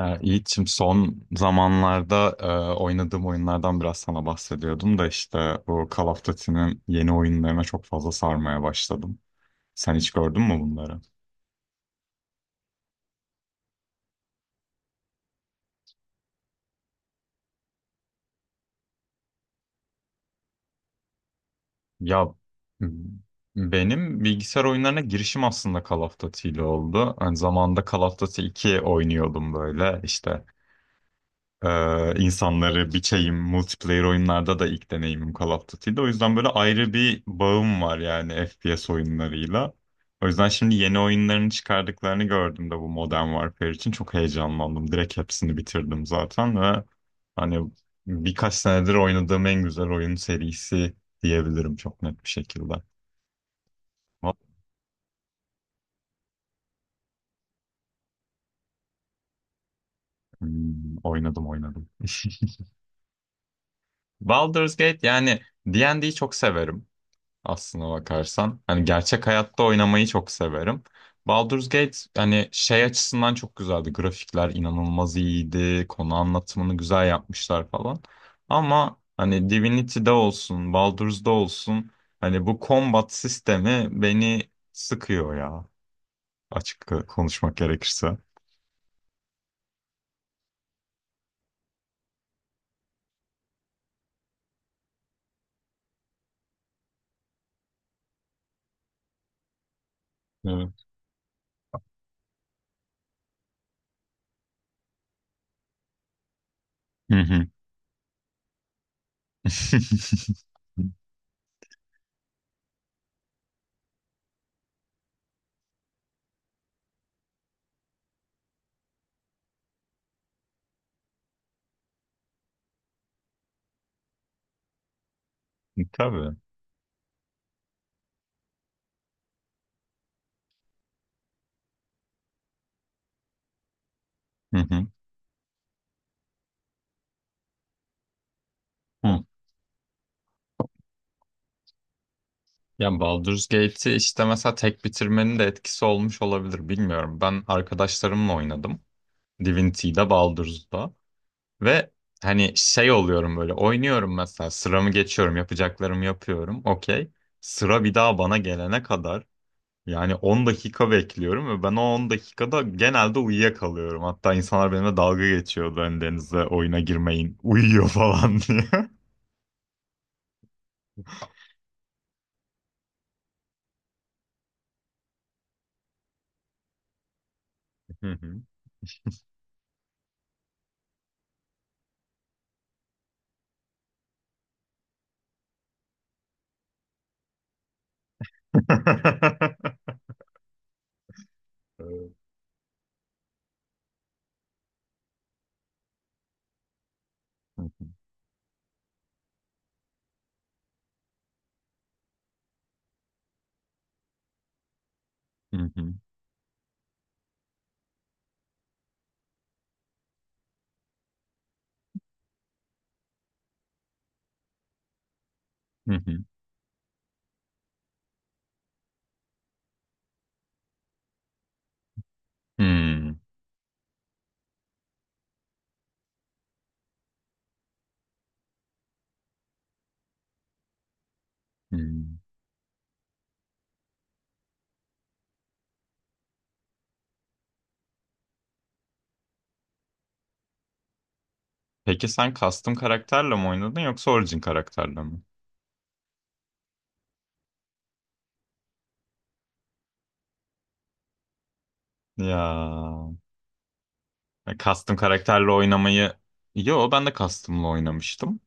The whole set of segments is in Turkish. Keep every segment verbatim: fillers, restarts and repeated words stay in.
Ee, Yiğit'ciğim son zamanlarda e, oynadığım oyunlardan biraz sana bahsediyordum da işte bu Call of Duty'nin yeni oyunlarına çok fazla sarmaya başladım. Sen hiç gördün mü bunları? Ya m- Benim bilgisayar oyunlarına girişim aslında Call of Duty ile oldu. Hani zamanında Call of Duty iki oynuyordum böyle işte Ee, insanları biçeyim. Multiplayer oyunlarda da ilk deneyimim Call of Duty'de. O yüzden böyle ayrı bir bağım var yani F P S oyunlarıyla. O yüzden şimdi yeni oyunların çıkardıklarını gördüm de bu Modern Warfare için çok heyecanlandım. Direkt hepsini bitirdim zaten ve hani birkaç senedir oynadığım en güzel oyun serisi diyebilirim çok net bir şekilde. Hmm, oynadım oynadım. Baldur's Gate yani D and D'yi çok severim aslına bakarsan. Hani gerçek hayatta oynamayı çok severim. Baldur's Gate hani şey açısından çok güzeldi. Grafikler inanılmaz iyiydi. Konu anlatımını güzel yapmışlar falan. Ama hani Divinity'de olsun, Baldur's'da olsun hani bu combat sistemi beni sıkıyor ya. Açık konuşmak gerekirse. Evet. Hı hı. Tabii. Hı hı. Hı. Ya Baldur's Gate'i işte mesela tek bitirmenin de etkisi olmuş olabilir bilmiyorum. Ben arkadaşlarımla oynadım. Divinity'de, Baldur's'da. Ve hani şey oluyorum böyle oynuyorum mesela sıramı geçiyorum yapacaklarımı yapıyorum okey. Sıra bir daha bana gelene kadar yani on dakika bekliyorum ve ben o on dakikada genelde uyuyakalıyorum. Hatta insanlar benimle dalga geçiyordu hani Deniz'le oyuna girmeyin uyuyor falan diye. Hı hı. Evet. Hı hı. Hı hı. Hı hı. Hmm, hmm. Peki sen custom karakterle mi oynadın yoksa origin karakterle mi? Ya e, Custom karakterle oynamayı, yo ben de custom'la oynamıştım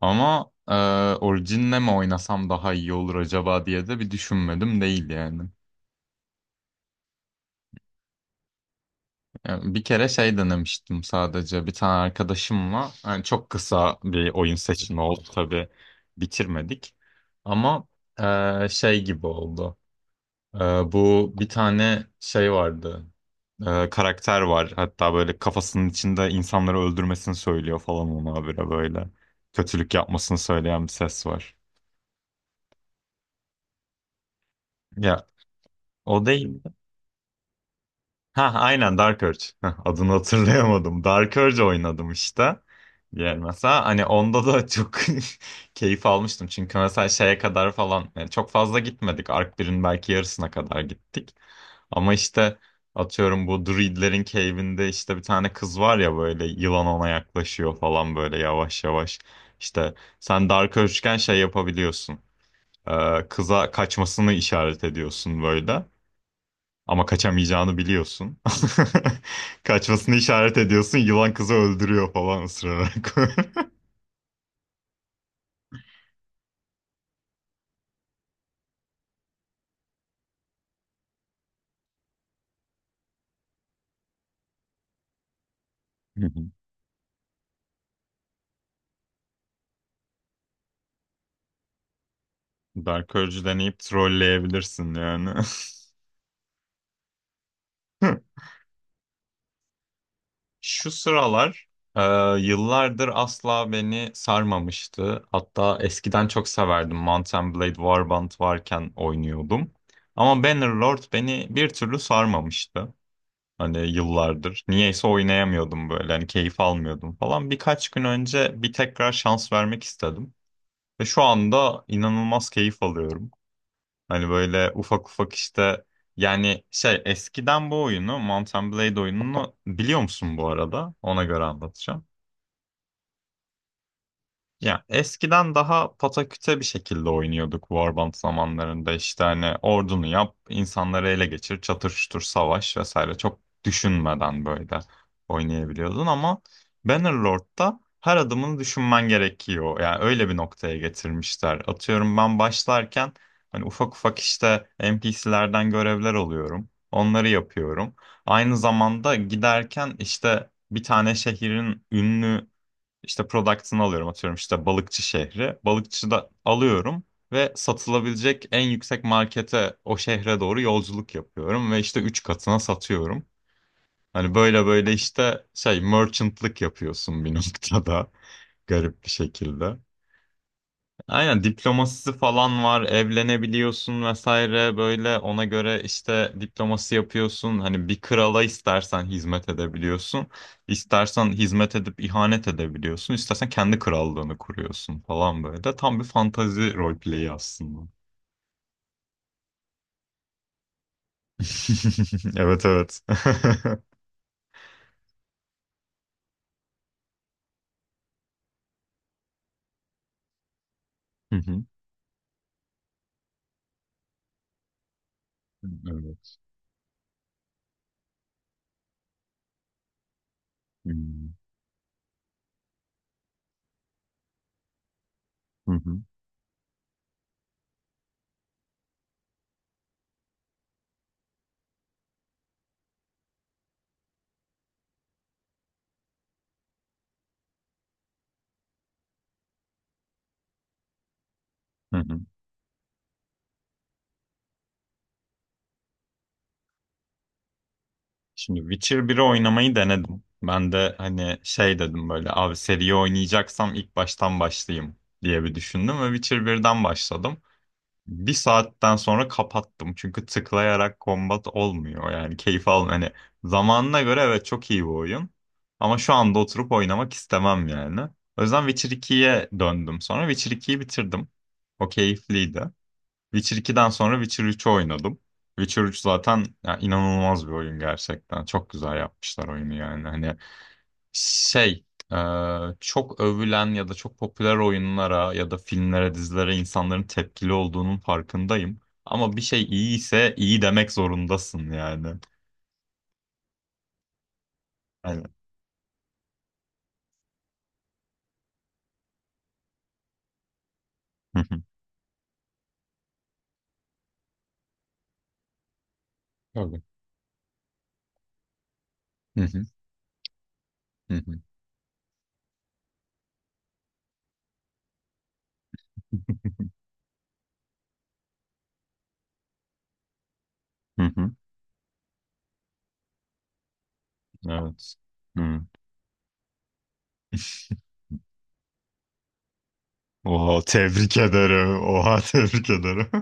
ama e, orijinle mi oynasam daha iyi olur acaba diye de bir düşünmedim değil yani. Yani bir kere şey denemiştim sadece bir tane arkadaşımla yani çok kısa bir oyun seçimi oldu tabii, bitirmedik ama e, şey gibi oldu. Ee, Bu bir tane şey vardı. Ee, karakter var. Hatta böyle kafasının içinde insanları öldürmesini söylüyor falan ona habire böyle. Kötülük yapmasını söyleyen bir ses var. Ya o değil. Ha aynen Dark Urge. Heh, adını hatırlayamadım. Dark Urge oynadım işte. Diğer mesela hani onda da çok keyif almıştım. Çünkü mesela şeye kadar falan yani çok fazla gitmedik. Ark birin belki yarısına kadar gittik. Ama işte atıyorum bu druidlerin cave'inde işte bir tane kız var ya böyle yılan ona yaklaşıyor falan böyle yavaş yavaş. İşte sen Dark Urge'ken şey yapabiliyorsun. Ee, kıza kaçmasını işaret ediyorsun böyle. Ama kaçamayacağını biliyorsun. Kaçmasını işaret ediyorsun. Yılan kızı öldürüyor falan ısırarak. Hı hı. Dark Urge'ü deneyip trolleyebilirsin yani. Şu sıralar e, yıllardır asla beni sarmamıştı. Hatta eskiden çok severdim. Mount and Blade Warband varken oynuyordum. Ama Bannerlord beni bir türlü sarmamıştı. Hani yıllardır. Niyeyse oynayamıyordum böyle. Hani keyif almıyordum falan. Birkaç gün önce bir tekrar şans vermek istedim. Ve şu anda inanılmaz keyif alıyorum. Hani böyle ufak ufak işte, yani şey eskiden bu oyunu Mountain Blade oyununu biliyor musun bu arada? Ona göre anlatacağım. Ya eskiden daha pataküte bir şekilde oynuyorduk Warband zamanlarında işte hani ordunu yap, insanları ele geçir, çatıştır, savaş vesaire çok düşünmeden böyle oynayabiliyordun ama Bannerlord'da her adımını düşünmen gerekiyor. Yani öyle bir noktaya getirmişler. Atıyorum ben başlarken hani ufak ufak işte N P C'lerden görevler alıyorum. Onları yapıyorum. Aynı zamanda giderken işte bir tane şehrin ünlü işte product'ını alıyorum atıyorum işte balıkçı şehri. Balıkçı da alıyorum ve satılabilecek en yüksek markete o şehre doğru yolculuk yapıyorum ve işte üç katına satıyorum. Hani böyle böyle işte şey merchant'lık yapıyorsun bir noktada garip bir şekilde. Aynen diplomasisi falan var, evlenebiliyorsun vesaire böyle ona göre işte diplomasi yapıyorsun. Hani bir krala istersen hizmet edebiliyorsun, istersen hizmet edip ihanet edebiliyorsun, istersen kendi krallığını kuruyorsun falan böyle. Tam bir fantazi roleplay'i aslında. Evet evet. Hı hı. Evet. Hmm. Hı hı. Hı hı. Şimdi Witcher biri oynamayı denedim. Ben de hani şey dedim böyle abi seriyi oynayacaksam ilk baştan başlayayım diye bir düşündüm ve Witcher birden başladım. Bir saatten sonra kapattım çünkü tıklayarak kombat olmuyor yani keyif al hani, zamanına göre evet çok iyi bir oyun ama şu anda oturup oynamak istemem yani. O yüzden Witcher ikiye döndüm sonra Witcher ikiyi bitirdim. O keyifliydi. Witcher ikiden sonra Witcher üçü oynadım. Witcher üç zaten ya, inanılmaz bir oyun gerçekten. Çok güzel yapmışlar oyunu yani. Hani şey e, çok övülen ya da çok popüler oyunlara ya da filmlere, dizilere insanların tepkili olduğunun farkındayım. Ama bir şey iyi ise iyi demek zorundasın yani. Yani. Hı hı. Tabii. Hı hı. Hı hı. Hı hı. Evet. Hı. Oha tebrik ederim. Oha tebrik ederim.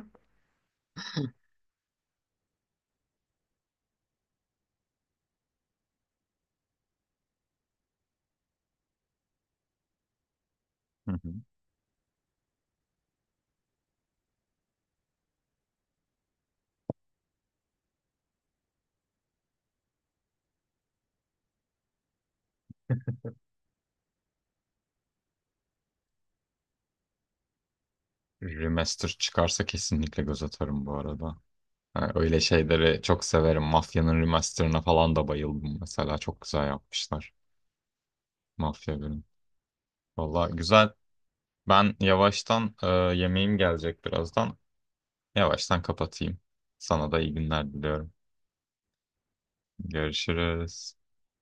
Hı hı. Remaster çıkarsa kesinlikle göz atarım bu arada. Ha, öyle şeyleri çok severim. Mafya'nın remasterına falan da bayıldım mesela. Çok güzel yapmışlar Mafya birin. Valla güzel. Ben yavaştan e, yemeğim gelecek birazdan. Yavaştan kapatayım. Sana da iyi günler diliyorum. Görüşürüz.